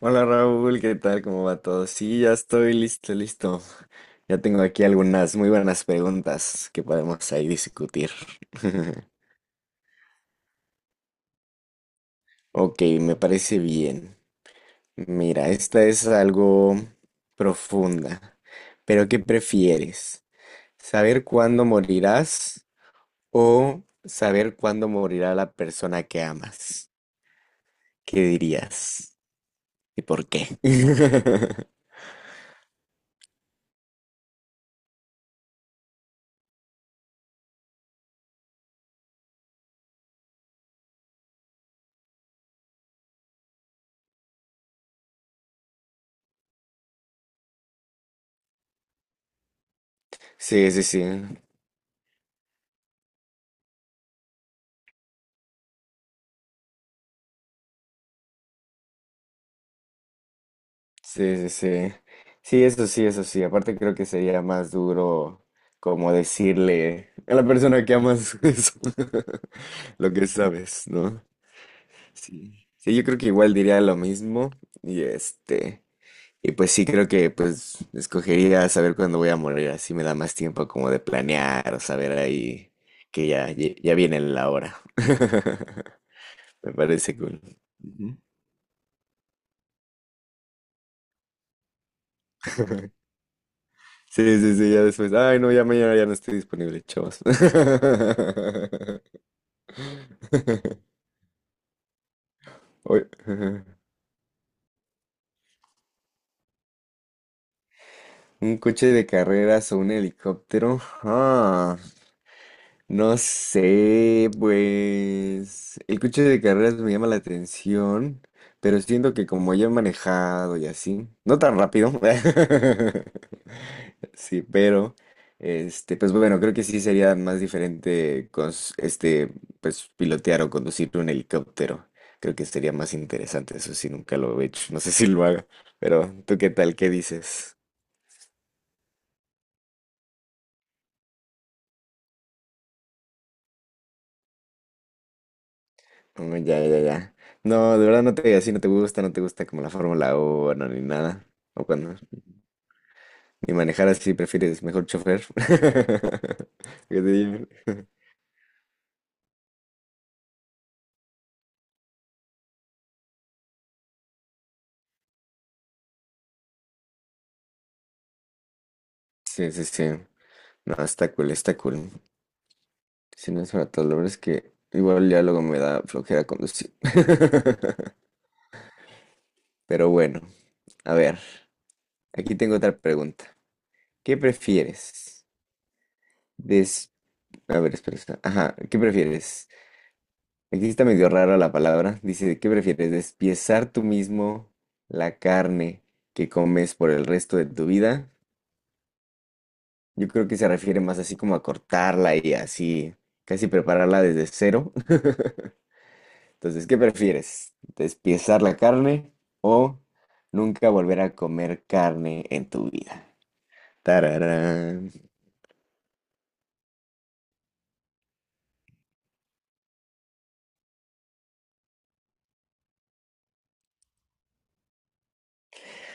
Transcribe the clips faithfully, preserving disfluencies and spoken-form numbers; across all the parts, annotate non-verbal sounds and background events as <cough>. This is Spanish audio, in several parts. Hola Raúl, ¿qué tal? ¿Cómo va todo? Sí, ya estoy listo, listo. Ya tengo aquí algunas muy buenas preguntas que podemos ahí discutir. <laughs> Ok, me parece bien. Mira, esta es algo profunda. Pero ¿qué prefieres? ¿Saber cuándo morirás o saber cuándo morirá la persona que amas? ¿Qué dirías? ¿Y por qué? <laughs> Sí, sí, sí. Sí, sí, sí. Sí, eso sí, eso sí. Aparte creo que sería más duro como decirle a la persona que amas <laughs> eso, lo que sabes, ¿no? Sí. Sí, yo creo que igual diría lo mismo y este, y pues sí, creo que pues escogería saber cuándo voy a morir, así me da más tiempo como de planear o saber ahí que ya, ya ya viene la hora. <laughs> Me parece cool. Ujú. <laughs> Sí, sí, sí, ya después. Ay, no, ya mañana ya no estoy disponible, chavos. <laughs> Oye, ajá. Un coche de carreras o un helicóptero. Ah. No sé, pues el coche de carreras me llama la atención, pero siento que como ya he manejado y así, no tan rápido, <laughs> sí, pero este, pues bueno, creo que sí sería más diferente cons- este, pues pilotear o conducir un helicóptero. Creo que sería más interesante, eso sí, nunca lo he hecho, no sé si lo haga, pero ¿tú qué tal? ¿Qué dices? Oh, ya, ya, ya. No, de verdad no te, así no te gusta, no te gusta como la Fórmula uno ni nada. O cuando, ni manejar así, prefieres mejor chofer. <laughs> Que te lleven. Sí, sí, sí. No, está cool, está cool. Si no es para todo, la verdad es que igual ya luego me da flojera conducir. <laughs> Pero bueno, a ver, aquí tengo otra pregunta. ¿Qué prefieres? Des... A ver, espera, espera. Ajá, ¿qué prefieres? Aquí está medio rara la palabra. Dice, ¿qué prefieres? ¿Despiezar tú mismo la carne que comes por el resto de tu vida? Yo creo que se refiere más así como a cortarla y así, casi prepararla desde cero. <laughs> Entonces, ¿qué prefieres? ¿Despiezar la carne o nunca volver a comer carne en tu vida? Tararán.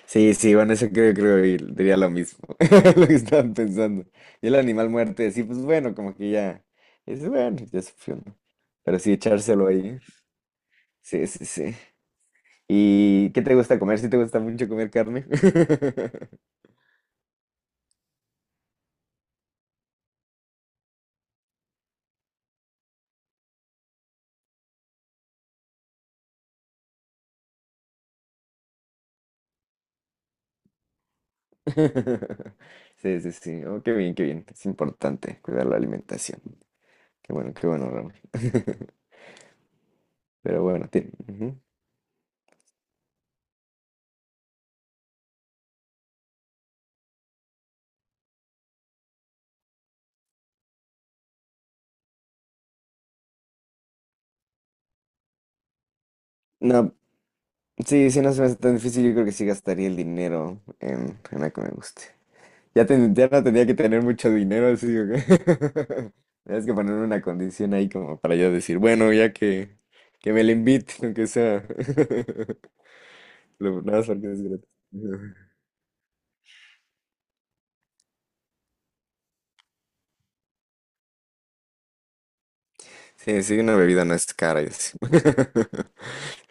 Sí, sí, bueno, eso creo, creo que diría lo mismo, <laughs> lo que estaban pensando. Y el animal muerte, sí, pues bueno, como que ya, es bueno, ya sufrió, ¿no? Pero sí, echárselo ahí, sí, sí, sí. ¿Y qué te gusta comer? ¿Sí te gusta mucho comer carne? <laughs> Sí, sí, sí, oh, qué bien, qué bien, es importante cuidar la alimentación. Qué bueno, qué bueno, Ramón. <laughs> Pero bueno, tiene... ujú. No, sí, sí, no se me hace tan difícil, yo creo que sí gastaría el dinero en, en algo que me guste. Ya, ten- ya no tenía que tener mucho dinero, así que <laughs> tienes que poner una condición ahí como para yo decir, bueno, ya que, que me lo invite, aunque sea. <laughs> Lo, nada más porque es gratis. <laughs> Sí, sí, una bebida no es cara y así. <laughs>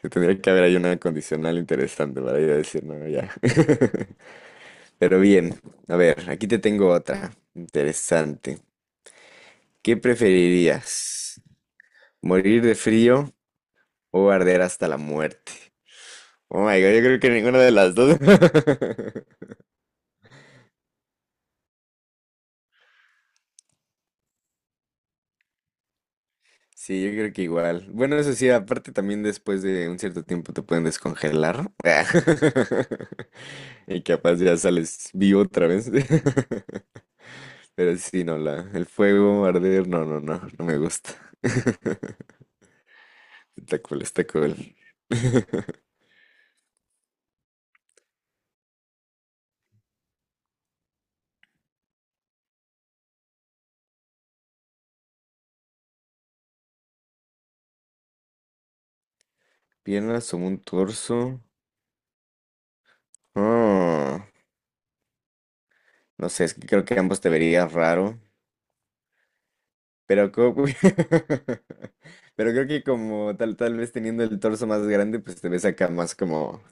Sí, tendría que haber ahí una condicional interesante para yo decir, no, ya. <laughs> Pero bien, a ver, aquí te tengo otra interesante. ¿Qué preferirías? ¿Morir de frío o arder hasta la muerte? Oh my God, yo creo que ninguna de las dos. <laughs> Sí, yo creo que igual. Bueno, eso sí, aparte también después de un cierto tiempo te pueden descongelar. <laughs> Y capaz ya sales vivo otra vez. <laughs> Pero sí, no, la, el fuego, arder, no, no, no, no me gusta. <laughs> Está cool, está cool. <laughs> Piernas o un torso. Oh, no sé, es que creo que ambos te verías raro. Pero, co- <laughs> pero creo que como tal, tal vez teniendo el torso más grande, pues te ves acá más como,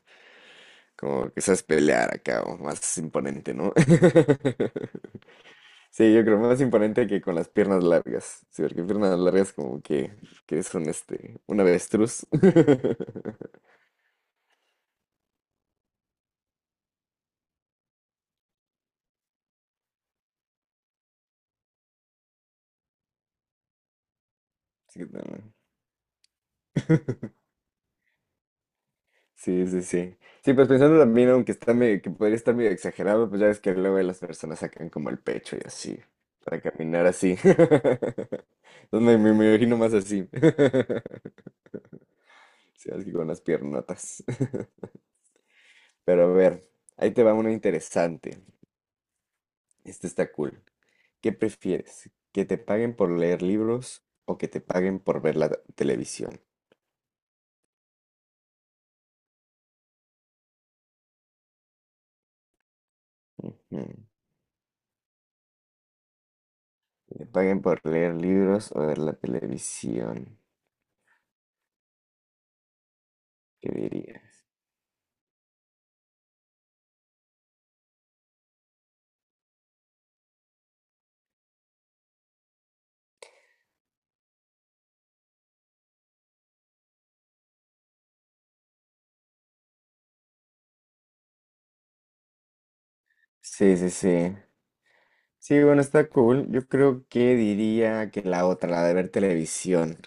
como que sabes pelear acá, o más imponente, ¿no? <laughs> Sí, yo creo más imponente que con las piernas largas. Sí, porque piernas largas como que, que eres un este, un avestruz. <laughs> Sí, no. <laughs> Sí, sí, sí. Sí, pues pensando también, aunque está medio, que podría estar medio exagerado, pues ya ves que luego las personas sacan como el pecho y así, para caminar así. <laughs> Entonces me, me- me imagino más así. <laughs> Sí, así con las piernotas. <laughs> Pero a ver, ahí te va una interesante. Este está cool. ¿Qué prefieres? ¿Que te paguen por leer libros o que te paguen por ver la televisión? Ujú. Que te paguen por leer libros o ver la televisión. ¿Qué dirías? Sí, sí, sí. Sí, bueno, está cool. Yo creo que diría que la otra, la de ver televisión,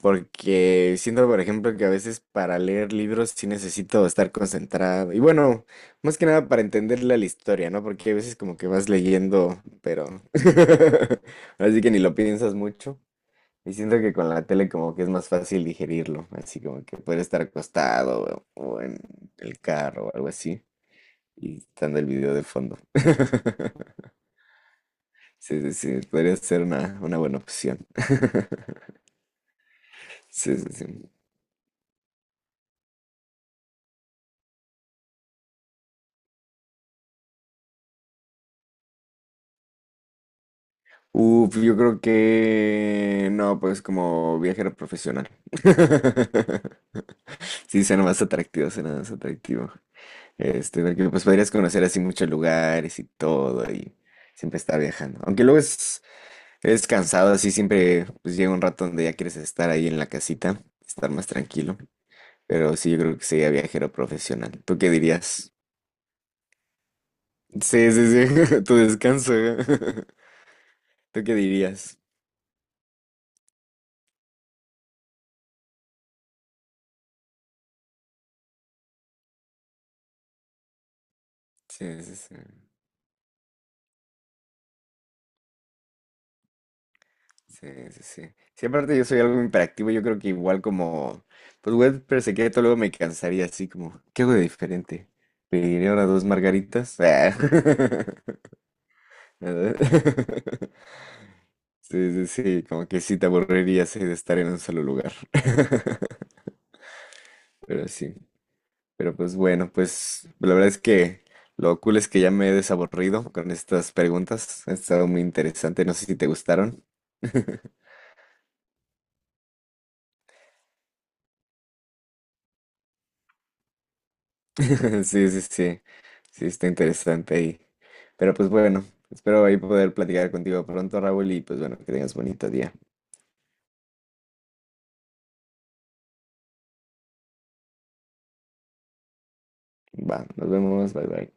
porque siento, por ejemplo, que a veces para leer libros sí necesito estar concentrado. Y bueno, más que nada para entenderle a la historia, ¿no? Porque a veces como que vas leyendo, pero <laughs> así que ni lo piensas mucho. Y siento que con la tele como que es más fácil digerirlo, así como que puedes estar acostado o o en el carro o algo así, y estando el video de fondo. <laughs> Sí, sí, sí, podría ser una, una buena opción. <laughs> Sí, sí, sí. Uf, yo creo que no, pues como viajero profesional. <laughs> Sí, suena más atractivo, suena más atractivo. Este, porque pues podrías conocer así muchos lugares y todo y siempre estar viajando. Aunque luego es, es cansado, así siempre pues llega un rato donde ya quieres estar ahí en la casita, estar más tranquilo. Pero sí, yo creo que sería viajero profesional. ¿Tú qué dirías? Sí, sí, sí, <laughs> tu descanso. <laughs> ¿Tú qué dirías? Sí, sí, sí, sí, sí, sí. Sí, aparte yo soy algo imperactivo yo creo que igual como, pues web pero se queda, luego me cansaría así como, ¿qué hago de diferente? ¿Pediré ahora dos margaritas? Ah, <laughs> ¿verdad? <laughs> Sí, sí, sí, como que sí te aburrirías eh, de estar en un solo lugar. <laughs> Pero sí. Pero pues bueno, pues la verdad es que lo cool es que ya me he desaburrido con estas preguntas. Ha estado muy interesante. No sé si te gustaron. <laughs> Sí, sí, sí. Sí, está interesante ahí. Pero pues bueno, espero ahí poder platicar contigo pronto, Raúl, y pues bueno, que tengas bonito día. Va, nos vemos, bye bye.